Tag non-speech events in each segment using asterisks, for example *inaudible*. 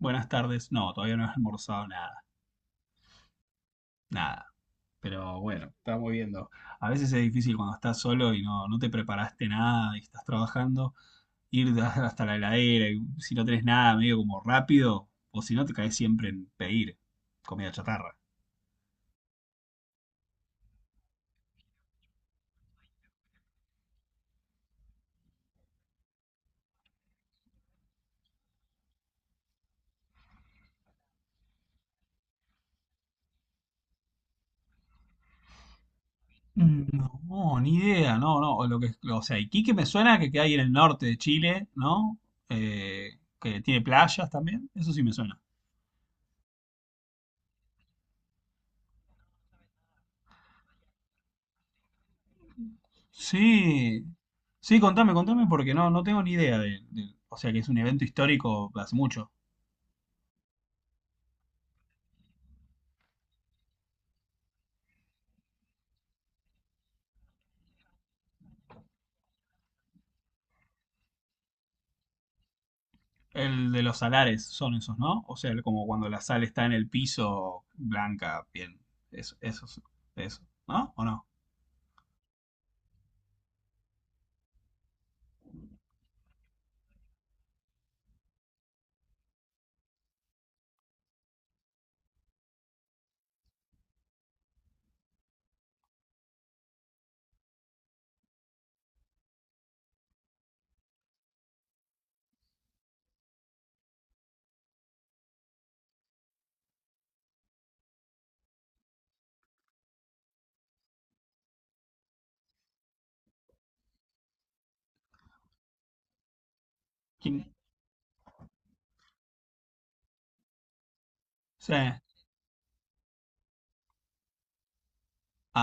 Buenas tardes. No, todavía no he almorzado nada. Pero bueno, estamos viendo. A veces es difícil cuando estás solo y no te preparaste nada y estás trabajando, hasta la heladera y si no tenés nada, medio como rápido, o si no te caes siempre en pedir comida chatarra. Mm, no, ni idea, no. O sea, Iquique me suena que queda ahí en el norte de Chile, ¿no? Que tiene playas también, eso sí me suena. Sí, sí, contame, contame, porque no tengo ni idea o sea, que es un evento histórico hace mucho. El de los salares son esos, ¿no? O sea, el- como cuando la sal está en el piso, blanca, bien. Eso, eso, ¿no? ¿O no? ¿Quién? Sí.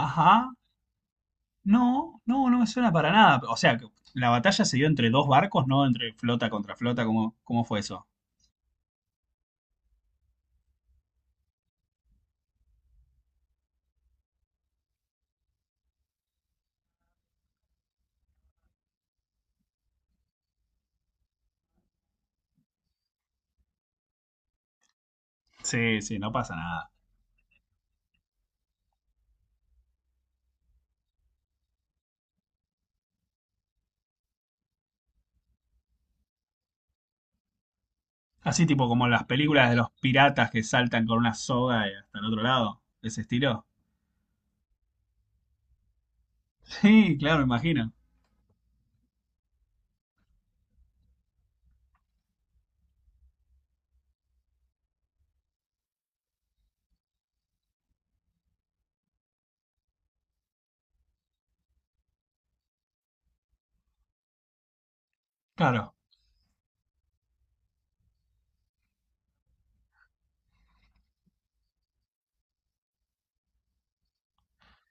Ajá. No, no, no me suena para nada. O sea, que la batalla se dio entre dos barcos, ¿no? Entre flota contra flota, ¿cómo, cómo fue eso? Sí, sí, no pasa nada. Así tipo como las películas de los piratas que saltan con una soga y hasta el otro lado. Ese estilo. Sí, claro, imagino. Claro.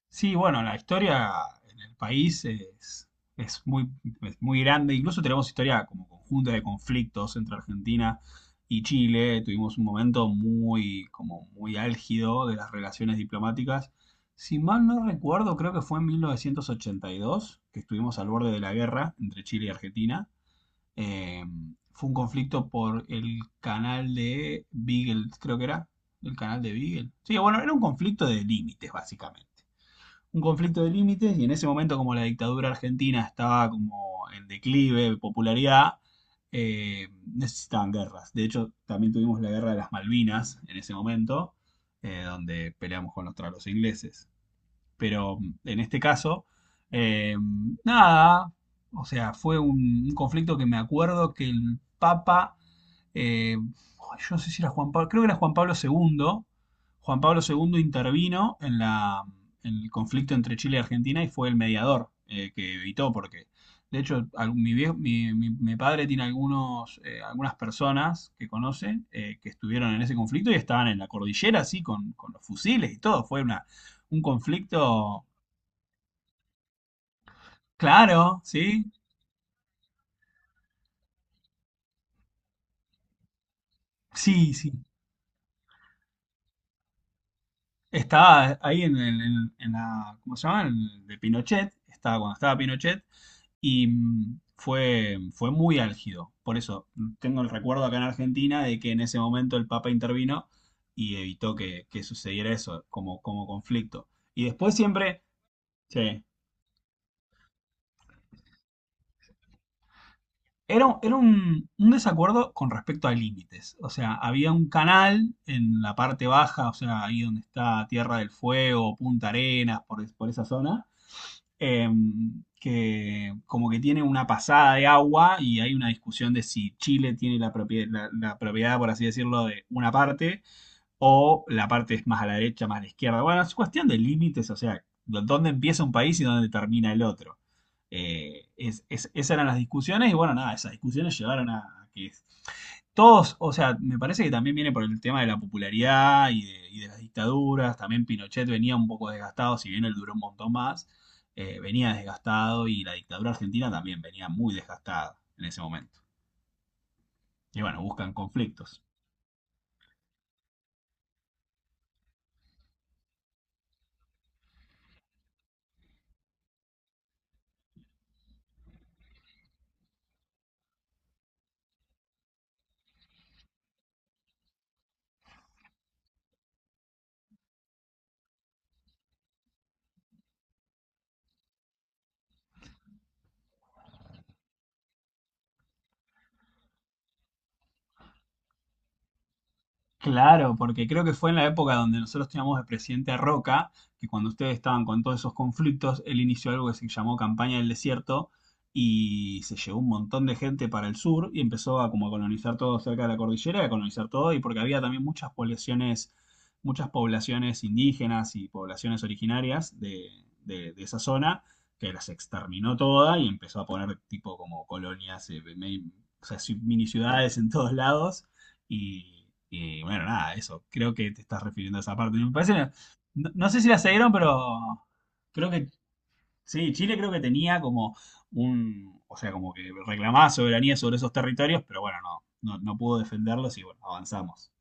Sí, bueno, la historia en el país es muy, es muy grande. Incluso tenemos historia como conjunta de conflictos entre Argentina y Chile. Tuvimos un momento muy, como muy álgido de las relaciones diplomáticas. Si mal no recuerdo, creo que fue en 1982 que estuvimos al borde de la guerra entre Chile y Argentina. Eh, Fue un conflicto por el canal de Beagle, creo que era. El canal de Beagle. Sí, bueno, era un conflicto de límites, básicamente. Un conflicto de límites y en ese momento como la dictadura argentina estaba como en declive de popularidad, eh, necesitaban guerras. De hecho, también tuvimos la guerra de las Malvinas en ese momento, donde peleamos contra los ingleses pero en este caso, eh, nada, o sea, fue un conflicto que me acuerdo que el Papa eh, yo no sé si era Juan Pablo, creo que era Juan Pablo II. Juan Pablo II intervino en el conflicto entre Chile y Argentina y fue el mediador, que evitó, porque de hecho al- mi, vie- mi- mi padre tiene algunos, algunas personas que conoce que estuvieron en ese conflicto y estaban en la cordillera, así, con los fusiles y todo. Un conflicto, claro, ¿sí? Sí, sí. Estaba ahí en la, ¿cómo se llama? En el de Pinochet, estaba cuando estaba Pinochet y mm, fue muy álgido. Por eso mm, tengo el recuerdo acá en Argentina de que en ese momento el Papa intervino y evitó que sucediera eso como, como conflicto. Y después siempre, sí, era un desacuerdo con respecto a límites. O sea, había un canal en la parte baja, o sea, ahí donde está Tierra del Fuego, Punta Arenas, por esa zona, eh, que como que tiene una pasada de agua y hay una discusión de si Chile tiene la propiedad, la propiedad, por así decirlo, de una parte o la parte es más a la derecha, más a la izquierda. Bueno, es cuestión de límites, o sea, dónde empieza un país y dónde termina el otro. Esas eran las discusiones y bueno, nada, esas discusiones llevaron a que todos, o sea, me parece que también viene por el tema de la popularidad y de las dictaduras. También Pinochet venía un poco desgastado, si bien él duró un montón más, venía desgastado y la dictadura argentina también venía muy desgastada en ese momento. Y bueno, buscan conflictos. Claro, porque creo que fue en la época donde nosotros teníamos de presidente a Roca, que cuando ustedes estaban con todos esos conflictos, él inició algo que se llamó Campaña del Desierto y se llevó un montón de gente para el sur y empezó a como a colonizar todo cerca de la cordillera, a colonizar todo y porque había también muchas poblaciones indígenas y poblaciones originarias de, de esa zona que las exterminó toda y empezó a poner tipo como colonias, o sea, mini ciudades en todos lados. Y bueno, nada, eso. Creo que te estás refiriendo a esa parte. Me parece, no, no sé si la seguieron, pero creo que sí, Chile creo que tenía como un, o sea, como que reclamaba soberanía sobre esos territorios, pero bueno, no, no, no pudo defenderlos y bueno, avanzamos.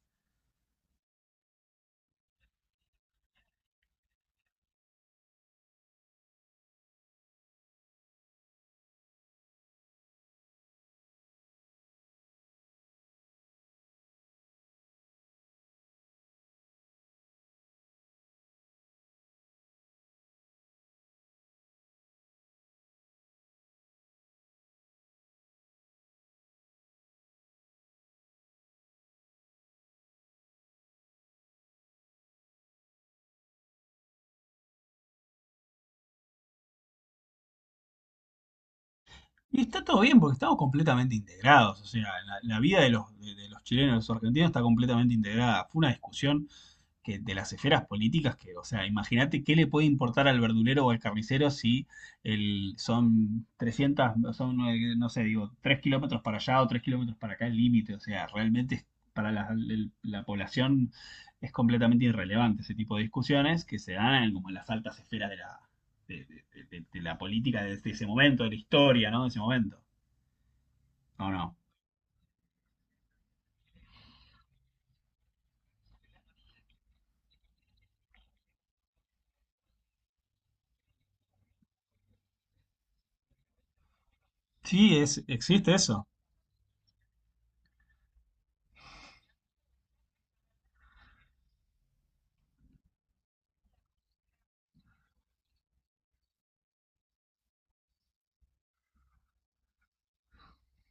Y está todo bien porque estamos completamente integrados, o sea, la vida de los chilenos, de los argentinos está completamente integrada. Fue una discusión que de las esferas políticas que, o sea, imagínate qué le puede importar al verdulero o al carnicero si el, son 300, son, no sé, digo, 3 kilómetros para allá o 3 kilómetros para acá el límite, o sea, para la población es completamente irrelevante ese tipo de discusiones que se dan en, como en las altas esferas de la política de ese momento, de la historia, ¿no? De ese momento. ¿O no? Sí, es, existe eso.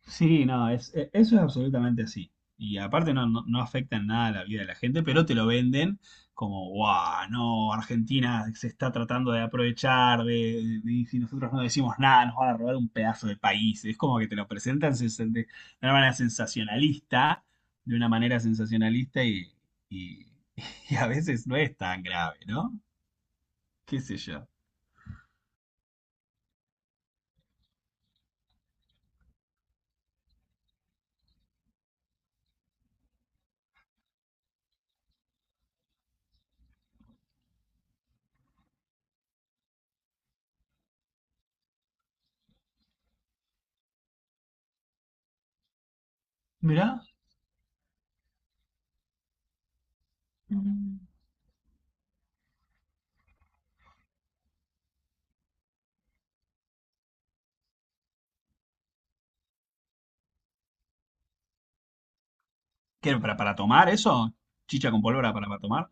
Sí, no, es, eso es absolutamente así. Y aparte no, no, no afecta en nada la vida de la gente, pero te lo venden como, guau, no, Argentina se está tratando de aprovechar, y si nosotros no decimos nada, nos van a robar un pedazo de país. Es como que te lo presentan de una manera sensacionalista, de una manera sensacionalista y, *laughs* y a veces no es tan grave, ¿no? ¿Qué sé yo? Mirá, mm, ¿qué, para tomar eso? ¿Chicha con pólvora para tomar?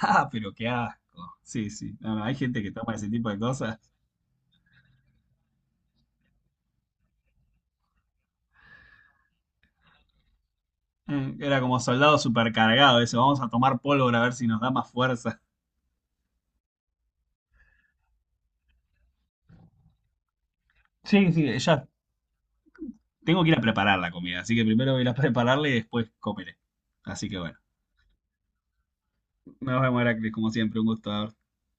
Ah, pero qué asco. Sí, sí. No, no, hay gente que toma ese tipo de cosas. Era como soldado supercargado eso. Vamos a tomar pólvora a ver si nos da más fuerza. Sí, sí, ya tengo que ir a preparar la comida. Así que primero voy a ir a prepararla y después comeré. Así que bueno. Nos vemos, Heracles, como siempre. Un gusto haber